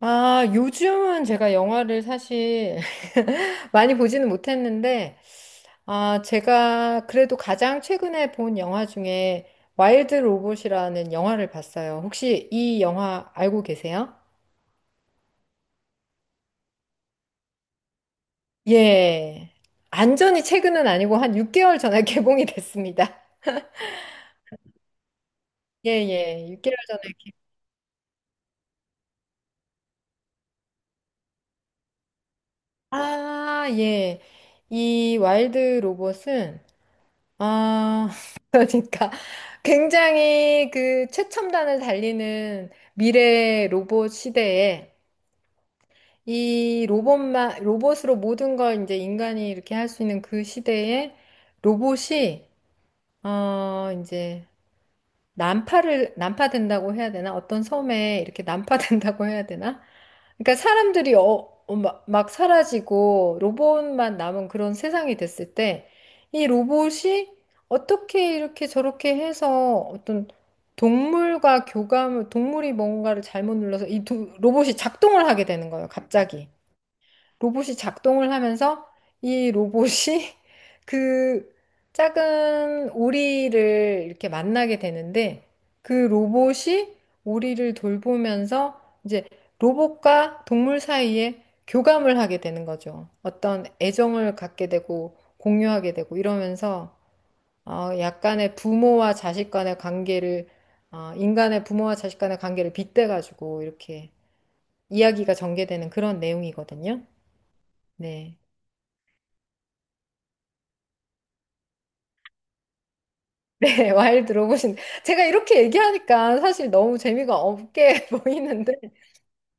아, 요즘은 제가 영화를 사실 많이 보지는 못했는데, 제가 그래도 가장 최근에 본 영화 중에 와일드 로봇이라는 영화를 봤어요. 혹시 이 영화 알고 계세요? 예. 완전히 최근은 아니고 한 6개월 전에 개봉이 됐습니다. 예, 예. 6개월 전에. 아, 예. 이 와일드 로봇은 아, 그러니까 굉장히 그 최첨단을 달리는 미래 로봇 시대에 로봇으로 모든 걸 이제 인간이 이렇게 할 수 있는 그 시대에 로봇이, 어, 이제 난파된다고 해야 되나? 어떤 섬에 이렇게 난파된다고 해야 되나? 그러니까 사람들이 막 사라지고 로봇만 남은 그런 세상이 됐을 때 이 로봇이 어떻게 이렇게 저렇게 해서 동물이 뭔가를 잘못 눌러서 로봇이 작동을 하게 되는 거예요, 갑자기. 로봇이 작동을 하면서 이 로봇이 그 작은 오리를 이렇게 만나게 되는데 그 로봇이 오리를 돌보면서 이제 로봇과 동물 사이에 교감을 하게 되는 거죠. 어떤 애정을 갖게 되고 공유하게 되고 이러면서 어, 약간의 부모와 자식 간의 관계를 어, 인간의 부모와 자식 간의 관계를 빗대가지고 이렇게 이야기가 전개되는 그런 내용이거든요. 네. 네, 와일드 로봇인 제가 이렇게 얘기하니까 사실 너무 재미가 없게 보이는데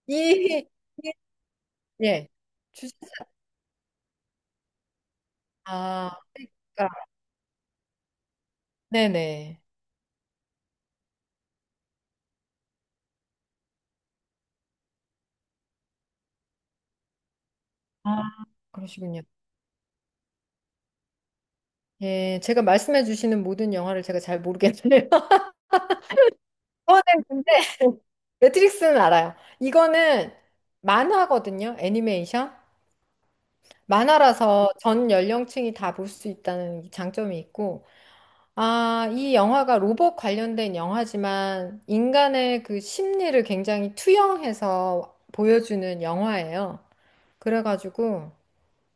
이, 이- 예. 주제. 아, 그러니까, 네네. 아, 그러시군요. 예, 제가 말씀해 주시는 모든 영화를 제가 잘 모르겠네요. 이거는, 근데 매트릭스는 알아요. 이거는 만화거든요, 애니메이션. 만화라서 전 연령층이 다 볼 수 있다는 장점이 있고, 아, 이 영화가 로봇 관련된 영화지만 인간의 그 심리를 굉장히 투영해서 보여주는 영화예요. 그래가지고,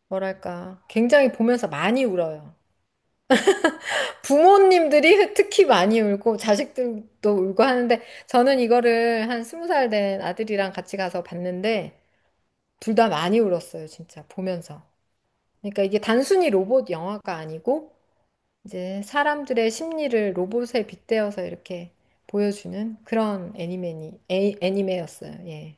뭐랄까, 굉장히 보면서 많이 울어요. 부모님들이 특히 많이 울고, 자식들도 울고 하는데, 저는 이거를 한 20살 된 아들이랑 같이 가서 봤는데, 둘 다 많이 울었어요, 진짜, 보면서. 그러니까 이게 단순히 로봇 영화가 아니고, 이제 사람들의 심리를 로봇에 빗대어서 이렇게 보여주는 그런 애니메였어요. 예.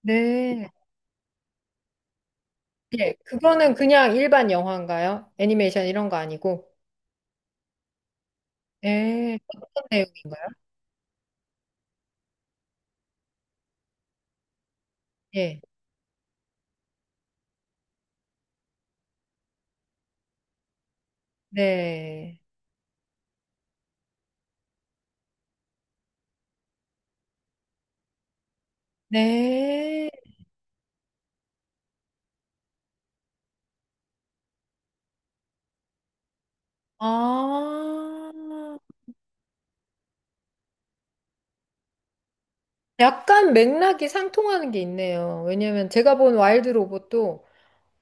네. 예, 그거는 그냥 일반 영화인가요? 애니메이션 이런 거 아니고? 예, 어떤 내용인가요? 예. 네. 네. 아. 약간 맥락이 상통하는 게 있네요. 왜냐면 제가 본 와일드 로봇도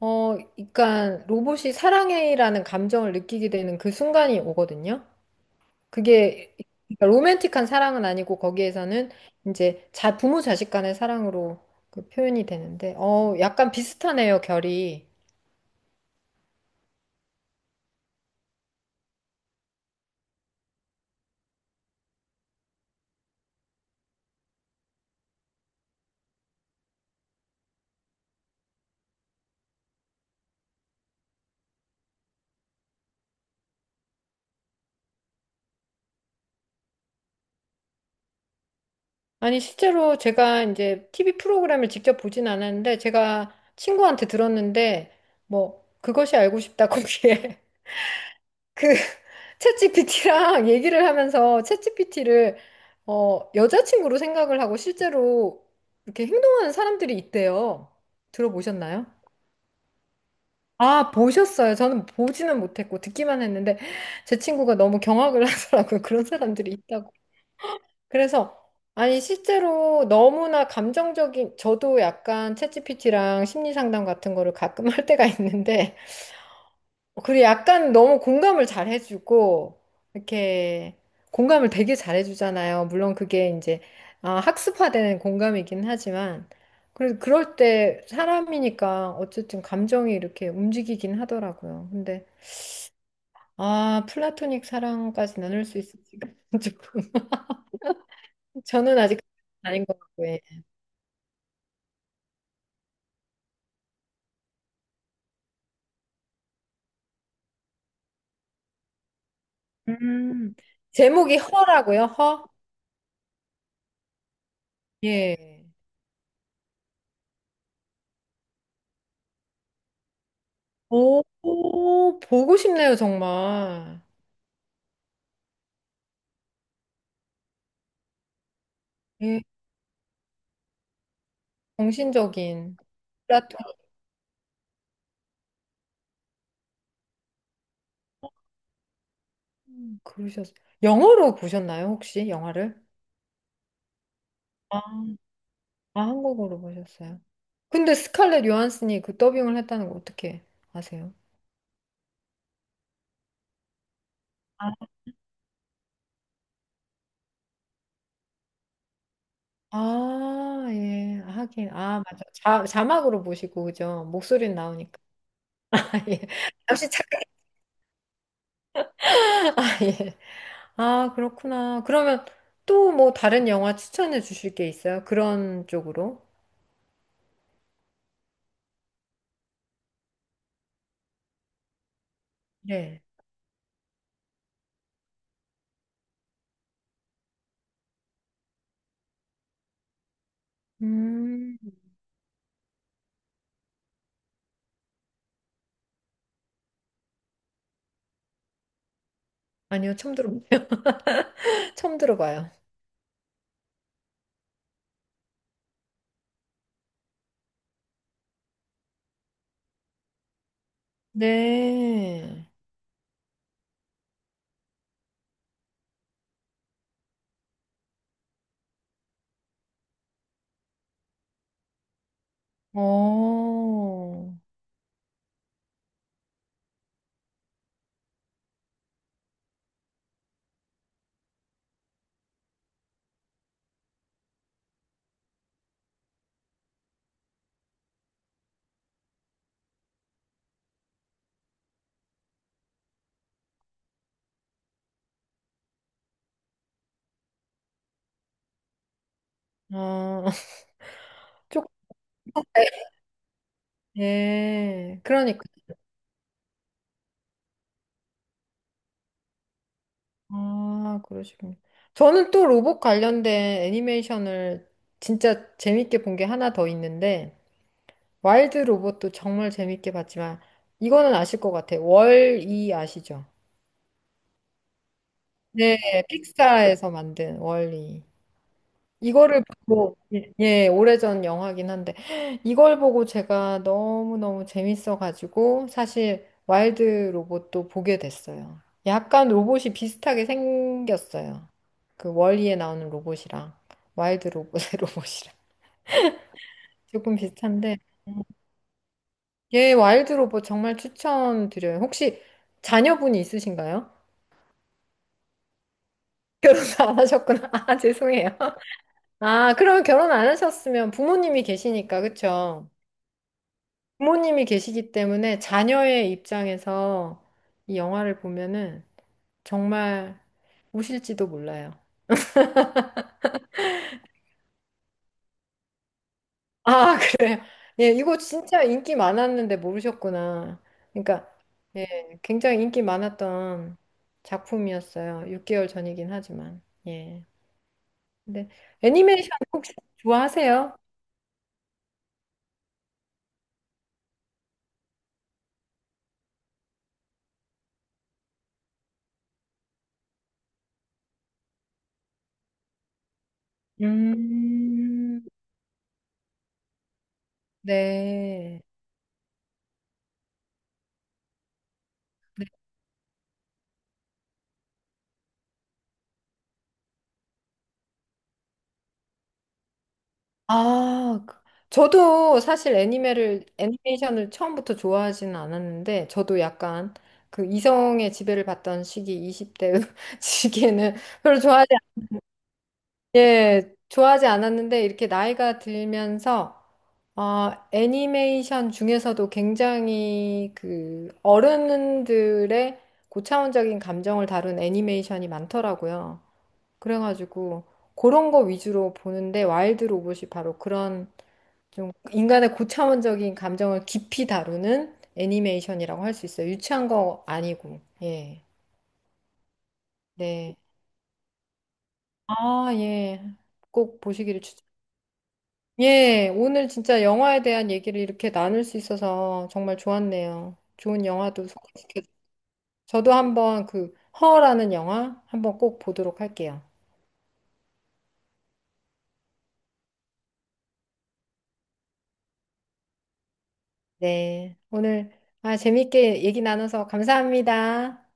어, 그러니까 로봇이 사랑해라는 감정을 느끼게 되는 그 순간이 오거든요. 그게 그러니까 로맨틱한 사랑은 아니고 거기에서는 이제 자 부모 자식 간의 사랑으로 그 표현이 되는데 어 약간 비슷하네요 결이. 아니, 실제로 제가 이제 TV 프로그램을 직접 보진 않았는데 제가 친구한테 들었는데 뭐 그것이 알고 싶다 거기에 그 챗GPT랑 얘기를 하면서 챗GPT를 어 여자친구로 생각을 하고 실제로 이렇게 행동하는 사람들이 있대요. 들어보셨나요? 아, 보셨어요? 저는 보지는 못했고 듣기만 했는데 제 친구가 너무 경악을 하더라고요. 그런 사람들이 있다고. 그래서 아니 실제로 너무나 감정적인, 저도 약간 챗GPT랑 심리 상담 같은 거를 가끔 할 때가 있는데 그리고 약간 너무 공감을 잘 해주고 이렇게 공감을 되게 잘 해주잖아요. 물론 그게 이제 아, 학습화되는 공감이긴 하지만 그래도 그럴 때 사람이니까 어쨌든 감정이 이렇게 움직이긴 하더라고요. 근데 아, 플라토닉 사랑까지 나눌 수 있을지가 조금. 저는 아직 아닌 것 같고, 예. 음, 제목이 허라고요, 허? 예. 오, 오, 보고 싶네요, 정말. 예, 정신적인 플라토닉. 그러셨어요. 영어로 보셨나요, 혹시 영화를? 아, 아, 한국어로 보셨어요. 근데 스칼렛 요한슨이 그 더빙을 했다는 거 어떻게 아세요? 아, 예. 하긴. 아, 맞아. 자막으로 보시고, 그죠? 목소리는 나오니까. 아, 예. 잠시 잠깐. 아, 예. 아, 그렇구나. 그러면 또 뭐 다른 영화 추천해 주실 게 있어요? 그런 쪽으로? 네. 음, 아니요. 처음 들어봐요. 처음 들어봐요. 네. 어, 아, 조금, 네 그러니까. 아, 그러시군요. 저는 또 로봇 관련된 애니메이션을 진짜 재밌게 본 게 하나 더 있는데, 와일드 로봇도 정말 재밌게 봤지만, 이거는 아실 것 같아요. 월이 아시죠? 네, 픽사에서 만든 월이. 이거를 보고, 예, 예, 오래전 영화긴 한데, 이걸 보고 제가 너무너무 재밌어가지고, 사실 와일드 로봇도 보게 됐어요. 약간 로봇이 비슷하게 생겼어요. 그 월리에 나오는 로봇이랑, 와일드 로봇의 로봇이랑. 조금 비슷한데, 예, 와일드 로봇 정말 추천드려요. 혹시 자녀분이 있으신가요? 결혼도 안 하셨구나. 아, 죄송해요. 아, 그러면 결혼 안 하셨으면 부모님이 계시니까, 그쵸? 부모님이 계시기 때문에 자녀의 입장에서 이 영화를 보면은 정말 우실지도 몰라요. 아, 그래요? 예, 이거 진짜 인기 많았는데 모르셨구나. 그러니까, 예, 굉장히 인기 많았던 작품이었어요. 6개월 전이긴 하지만. 예. 근데 애니메이션 혹시 좋아하세요? 음, 네. 아, 그- 저도 사실 애니메를 애니메이션을 처음부터 좋아하지는 않았는데 저도 약간 그 이성의 지배를 받던 시기 20대 시기에는 별로 좋아하지 않- 예, 좋아하지 않았는데 이렇게 나이가 들면서 어, 애니메이션 중에서도 굉장히 그 어른들의 고차원적인 감정을 다룬 애니메이션이 많더라고요. 그래가지고 그런 거 위주로 보는데 와일드 로봇이 바로 그런 좀 인간의 고차원적인 감정을 깊이 다루는 애니메이션이라고 할 수 있어요. 유치한 거 아니고. 예. 네. 아, 예. 꼭 보시기를 추천. 예. 오늘 진짜 영화에 대한 얘기를 이렇게 나눌 수 있어서 정말 좋았네요. 좋은 영화도 소개시켜. 저도 한번 그 허라는 영화 한번 꼭 보도록 할게요. 네. 오늘 아, 재밌게 얘기 나눠서 감사합니다.